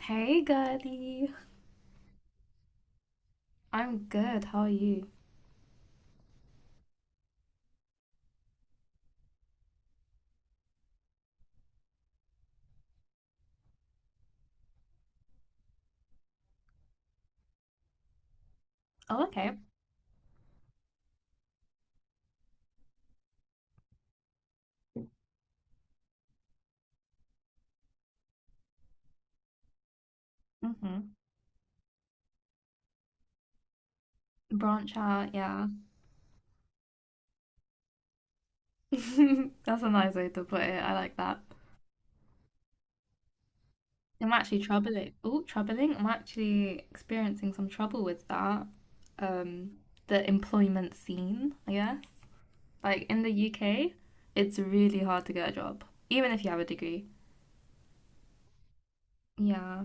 Hey, girly. I'm good. How are you? Oh, okay. Mm-hmm. Branch out, yeah. That's a nice way to put it. I like that. I'm actually troubling. Oh, troubling. I'm actually experiencing some trouble with that. Um, the employment scene, I guess. Like in the UK, it's really hard to get a job, even if you have a degree. Yeah.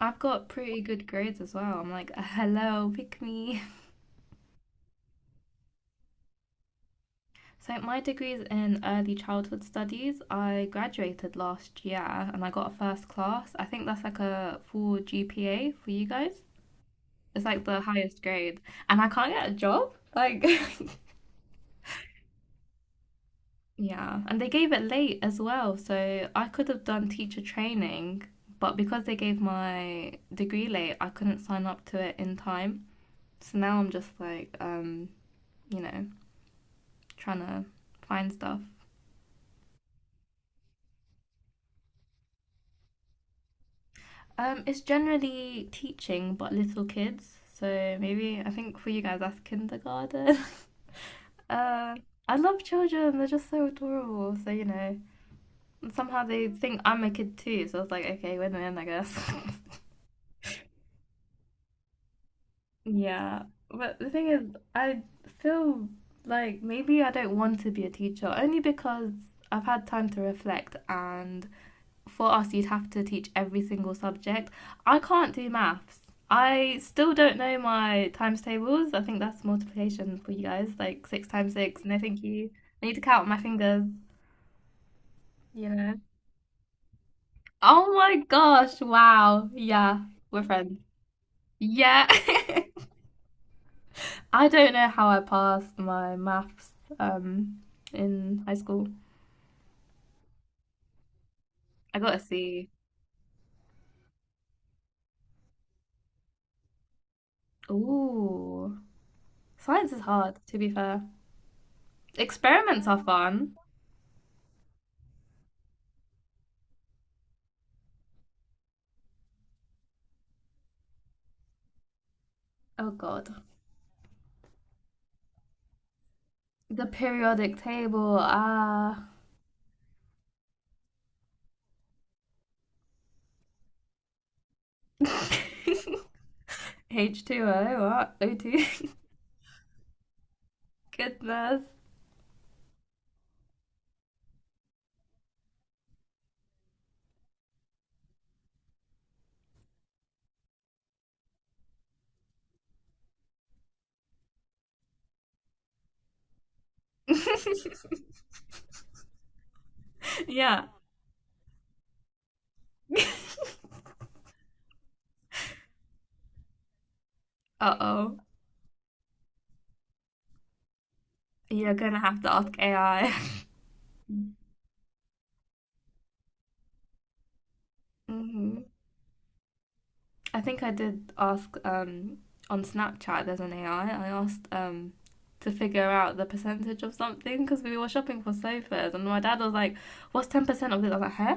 I've got pretty good grades as well. I'm like, hello, pick me. So, my degree's in early childhood studies. I graduated last year and I got a first class. I think that's like a full GPA for you guys. It's like the highest grade. And I can't get a job. Like, yeah. And they gave it late as well. So, I could have done teacher training, but because they gave my degree late, I couldn't sign up to it in time. So now I'm just like, you know, trying to find stuff. It's generally teaching, but little kids. So maybe I think for you guys that's kindergarten. uh, I love children. They're just so adorable. So and somehow they think I'm a kid too. So I was like, okay, win win, I guess. yeah, but the thing is, I feel like maybe I don't want to be a teacher only because I've had time to reflect and for us, you'd have to teach every single subject. I can't do maths. I still don't know my times tables. I think that's multiplication for you guys, like six times six. No, thank you. I need to count my fingers, you know. Oh my gosh, wow. Yeah, we're friends. Yeah. I don't know how I passed my maths um in high school. I got a C. Ooh. Science is hard, to be fair. Experiments are fun. Oh God. The periodic table, ah. H2O, what? O2? Goodness. yeah. uh oh. You're gonna have to ask AI. hmm I think I did ask on Snapchat, there's an AI. I asked to figure out the percentage of something because we were shopping for sofas, and my dad was like, what's 10% of this? I was like, huh?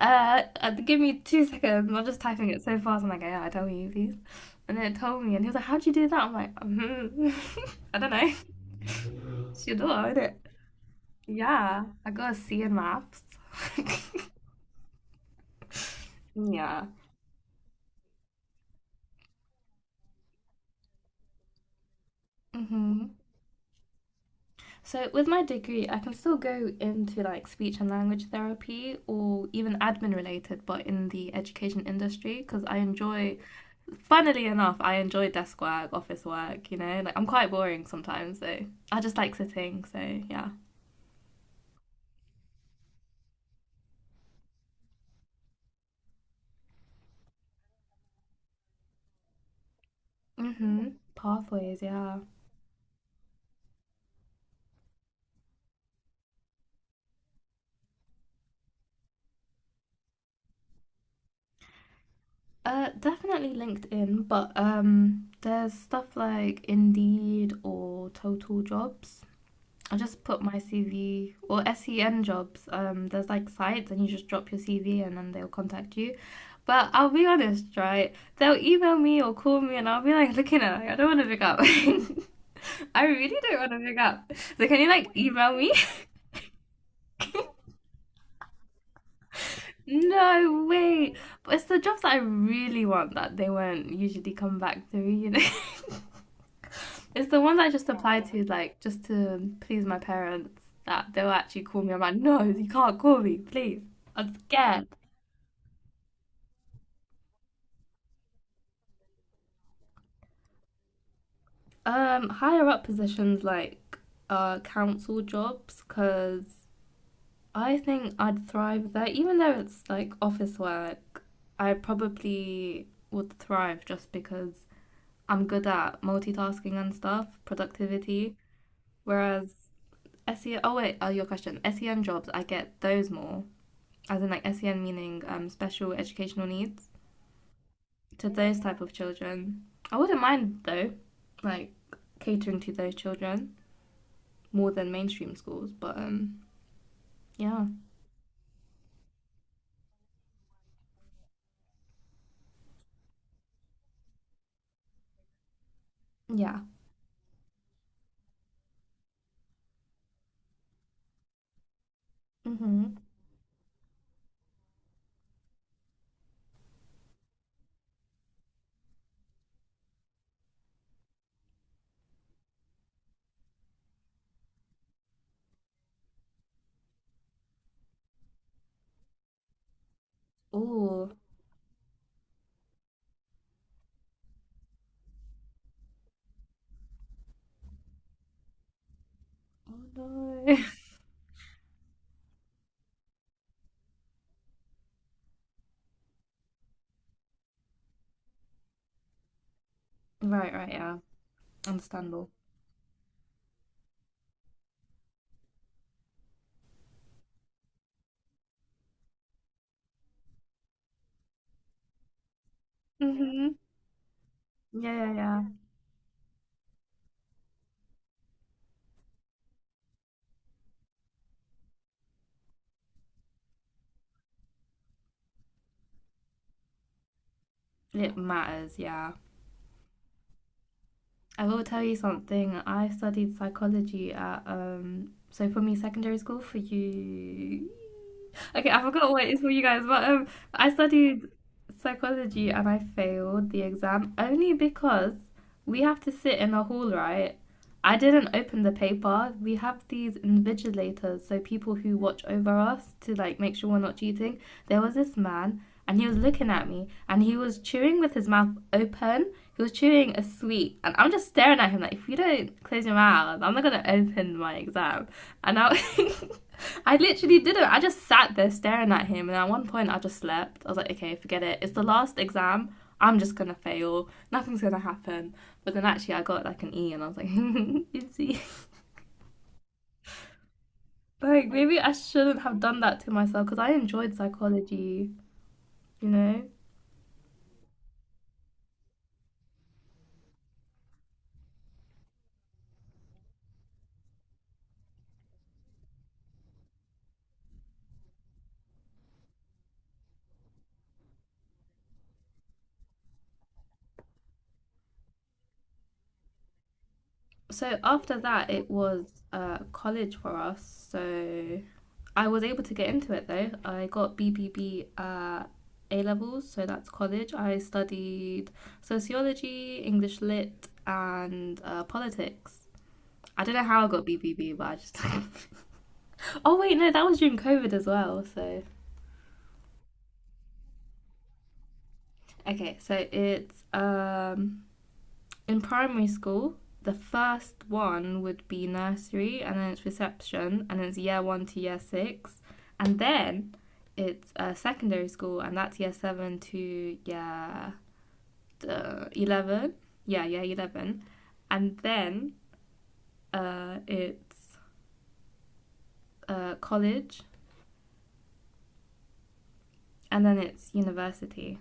Give me 2 seconds. I'm just typing it so fast. I'm like, yeah, I tell you these. And then it told me, and he was like, how'd you do that? I'm like, I don't know. It's your door, isn't it? Yeah, I got a C in maths. yeah. hmm So with my degree, I can still go into like speech and language therapy or even admin related, but in the education industry because I enjoy funnily enough, I enjoy desk work, office work, like I'm quite boring sometimes, so I just like sitting, so yeah. Mm-hmm. Pathways, yeah. Definitely LinkedIn, but there's stuff like Indeed or Total Jobs. I just put my CV or SEN jobs. There's like sites, and you just drop your CV, and then they'll contact you. But I'll be honest, right? They'll email me or call me, and I'll be like looking at it, like, I don't want to pick up. I really don't want to pick up. So can you like email me? No way. But it's the jobs that I really want that they won't usually come back to me. It's the ones I just applied to like just to please my parents that they'll actually call me. I'm like, no, you can't call me, please. I'm scared. Higher up positions like council jobs because I think I'd thrive there, even though it's like office work. I probably would thrive just because I'm good at multitasking and stuff, productivity. Whereas SEN, oh wait, your question. SEN jobs, I get those more, as in like SEN meaning special educational needs to those type of children. I wouldn't mind though, like catering to those children more than mainstream schools. But yeah, yeah. Mm-hmm. Oh, oh no. Right, right, yeah. Understandable. Mm-hmm. Yeah, yeah, yeah. It matters, yeah. I will tell you something. I studied psychology at so for me secondary school for you. Okay, I forgot what it's for you guys, but I studied psychology and I failed the exam only because we have to sit in a hall, right? I didn't open the paper. We have these invigilators, so people who watch over us to like make sure we're not cheating. There was this man and he was looking at me and he was chewing with his mouth open. He was chewing a sweet, and I'm just staring at him like, if you don't close your mouth, I'm not gonna open my exam. And I, I literally didn't. I just sat there staring at him, and at one point I just slept. I was like, okay, forget it. It's the last exam. I'm just gonna fail. Nothing's gonna happen. But then actually, I got like an E, and I was like, oopsie. Like maybe I shouldn't have done that to myself because I enjoyed psychology. You know, so after that, it was college for us. So I was able to get into it though. I got BBB A levels, so that's college. I studied sociology, English lit, and politics. I don't know how I got BBB, but I just. Oh wait, no, that was during COVID as well. So okay, so it's in primary school, the first one would be nursery, and then it's reception, and then it's year one to year six, and then it's secondary school, and that's year seven to year 11. Yeah, year 11, and then it's college, and then it's university.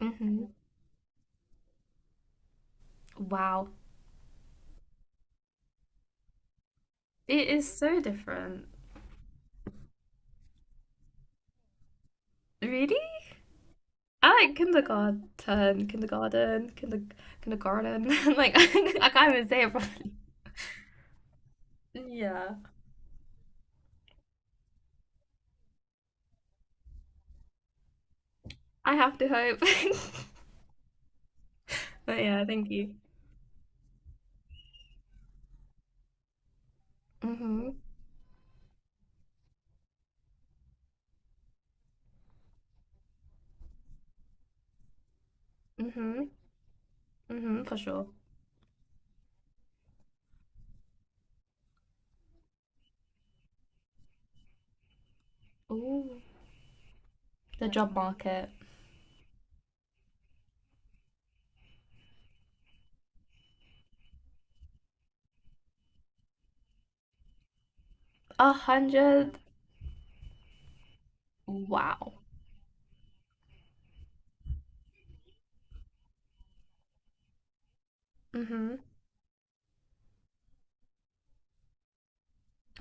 hmm Wow, it is so different. Really? I like kindergarten, kindergarten, kinder, kindergarten. Like I can't even say it properly. Yeah, I have to hope. But yeah, thank you. Mhm, mhm, mhm, for sure. Ooh, the job market. A hundred. Wow. Mhm.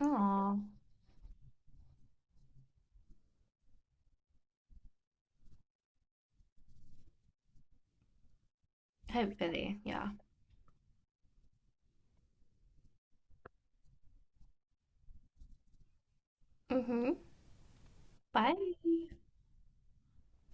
Aw. Hopefully, yeah. Mhm. Bye.